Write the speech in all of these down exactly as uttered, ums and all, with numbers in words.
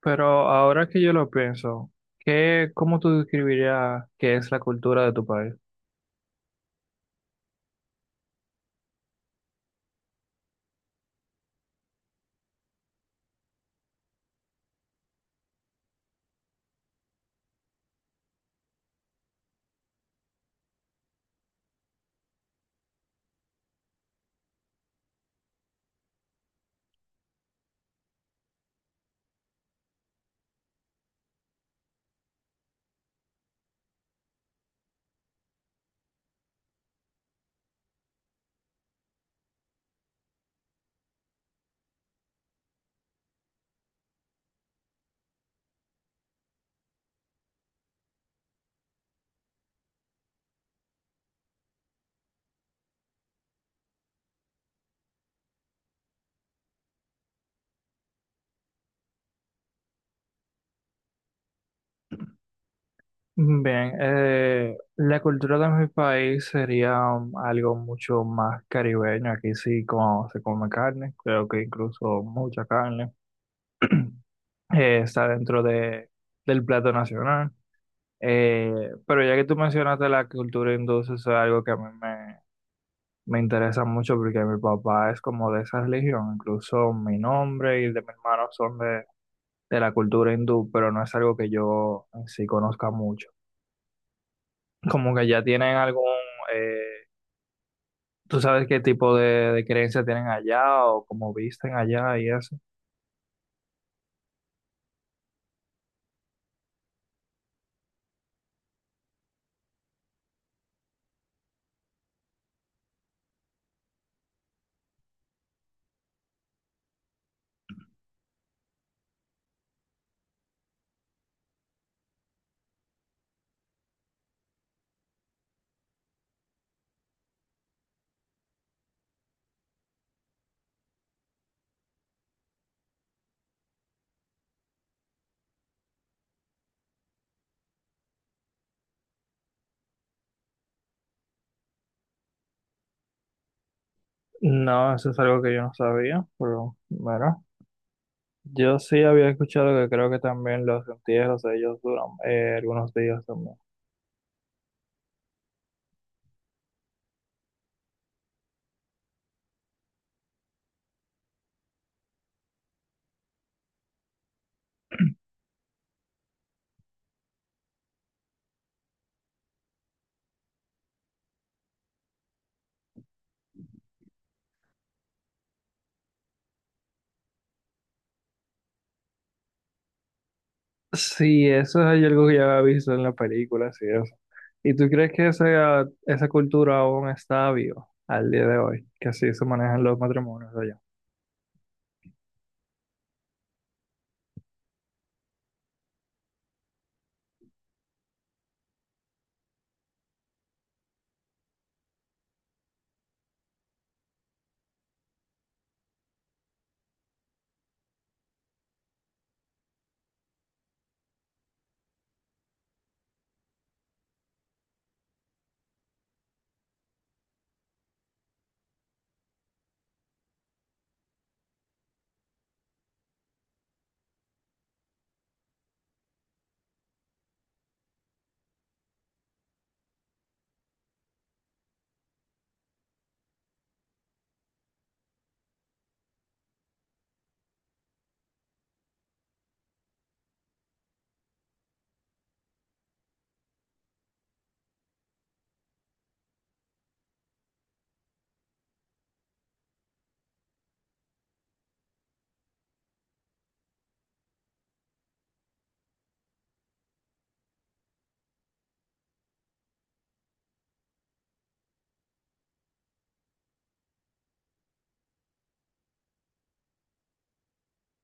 Pero ahora que yo lo pienso, ¿qué, cómo tú describirías qué es la cultura de tu país? Bien, eh, la cultura de mi país sería um, algo mucho más caribeño. Aquí sí como se come carne, creo que incluso mucha carne. eh, está dentro de, del plato nacional. Eh, pero ya que tú mencionaste la cultura hindú, eso es algo que a mí me, me interesa mucho porque mi papá es como de esa religión, incluso mi nombre y el de mi hermano son de, de la cultura hindú, pero no es algo que yo en sí conozca mucho. Como que ya tienen algún, eh, ¿tú sabes qué tipo de, de creencia tienen allá o cómo visten allá y eso? No, eso es algo que yo no sabía, pero bueno, yo sí había escuchado que creo que también los entierros de ellos duran eh, algunos días también. Sí, eso es algo que ya había visto en la película, sí, eso. ¿Y tú crees que esa, esa cultura aún está viva al día de hoy? Que así se manejan los matrimonios allá.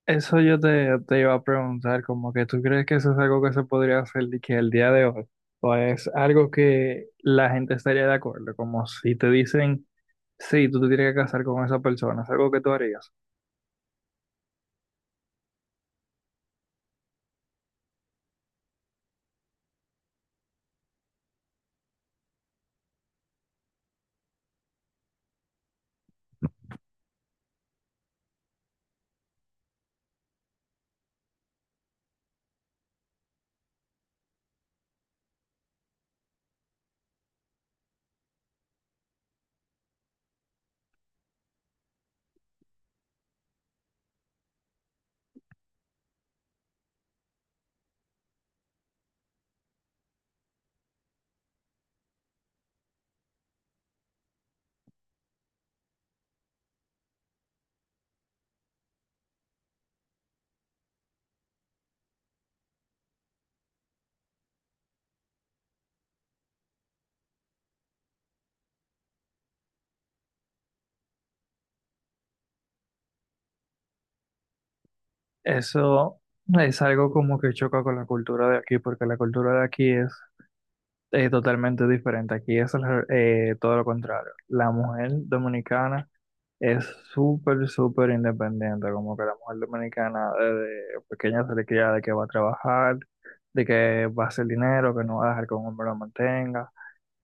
Eso yo te, te iba a preguntar, como que tú crees que eso es algo que se podría hacer de que el día de hoy, o es algo que la gente estaría de acuerdo, como si te dicen, sí, tú te tienes que casar con esa persona, es algo que tú harías. Eso es algo como que choca con la cultura de aquí, porque la cultura de aquí es eh, totalmente diferente. Aquí es al re- eh, todo lo contrario. La mujer dominicana es súper, súper independiente, como que la mujer dominicana desde pequeña se le cría de que va a trabajar, de que va a hacer dinero, que no va a dejar que un hombre la mantenga.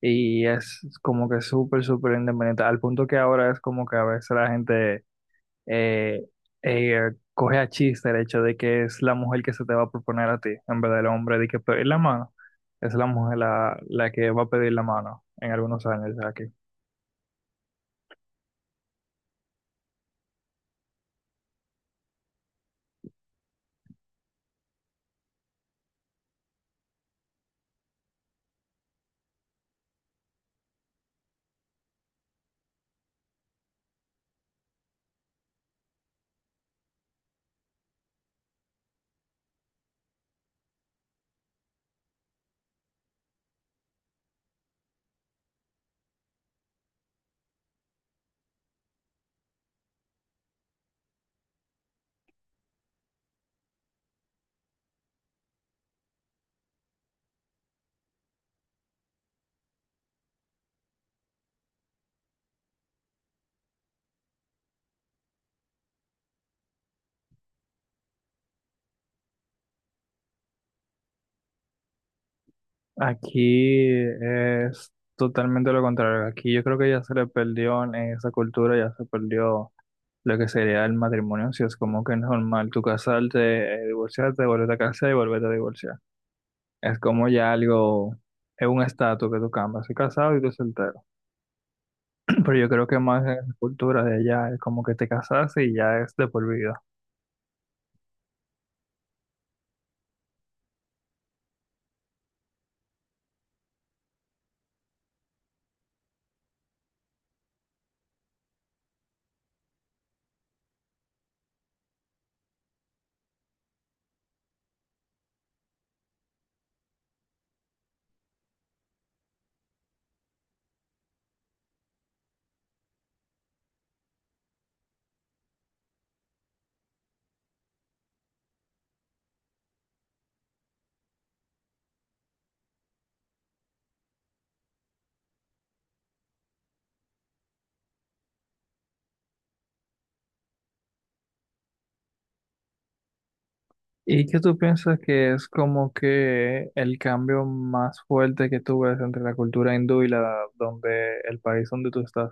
Y es como que súper, súper independiente, al punto que ahora es como que a veces la gente eh, eh, coge a chiste el hecho de que es la mujer que se te va a proponer a ti, en vez del hombre, de que pedir la mano. Es la mujer la, la que va a pedir la mano en algunos años aquí. Aquí es totalmente lo contrario. Aquí yo creo que ya se le perdió en esa cultura, ya se perdió lo que sería el matrimonio. Si es como que es normal tú casarte, eh, divorciarte, volverte a casar y volverte a divorciar. Es como ya algo, es un estatus que tú cambias. Soy casado y tú soltero. Pero yo creo que más en la cultura de allá es como que te casaste y ya es de por vida. ¿Y qué tú piensas que es como que el cambio más fuerte que tú ves entre la cultura hindú y la donde el país donde tú estás?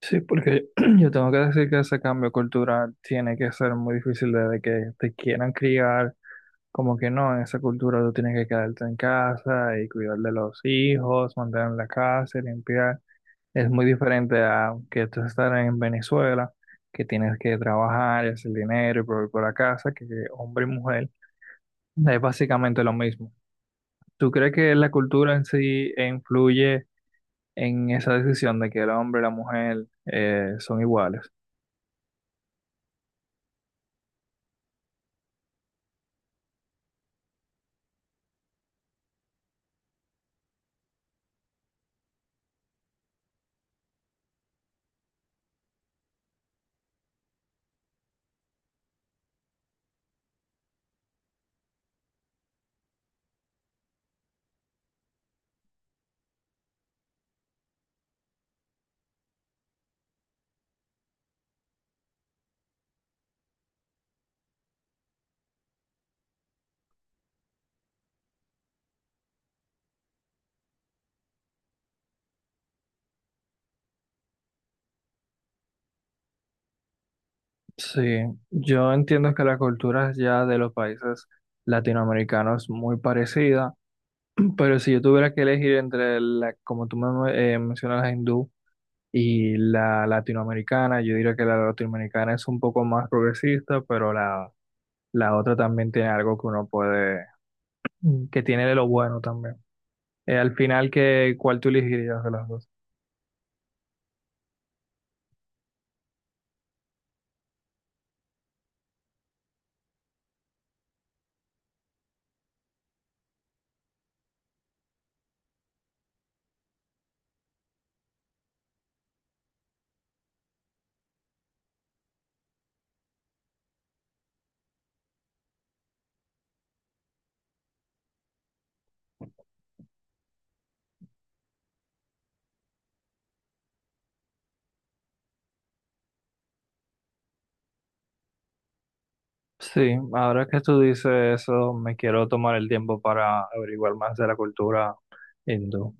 Sí, porque yo tengo que decir que ese cambio cultural tiene que ser muy difícil desde que te quieran criar. Como que no, en esa cultura tú tienes que quedarte en casa y cuidar de los hijos, mantener la casa, limpiar. Es muy diferente a que tú estar en Venezuela, que tienes que trabajar y hacer dinero y proveer por la casa, que hombre y mujer es básicamente lo mismo. ¿Tú crees que la cultura en sí influye en esa decisión de que el hombre y la mujer eh, son iguales? Sí, yo entiendo que la cultura ya de los países latinoamericanos es muy parecida. Pero si yo tuviera que elegir entre la, como tú me, eh, mencionas, la hindú y la latinoamericana, yo diría que la latinoamericana es un poco más progresista, pero la, la otra también tiene algo que uno puede, que tiene de lo bueno también. Eh, al final, ¿qué, cuál tú elegirías de las dos? Sí, ahora que tú dices eso, me quiero tomar el tiempo para averiguar más de la cultura hindú.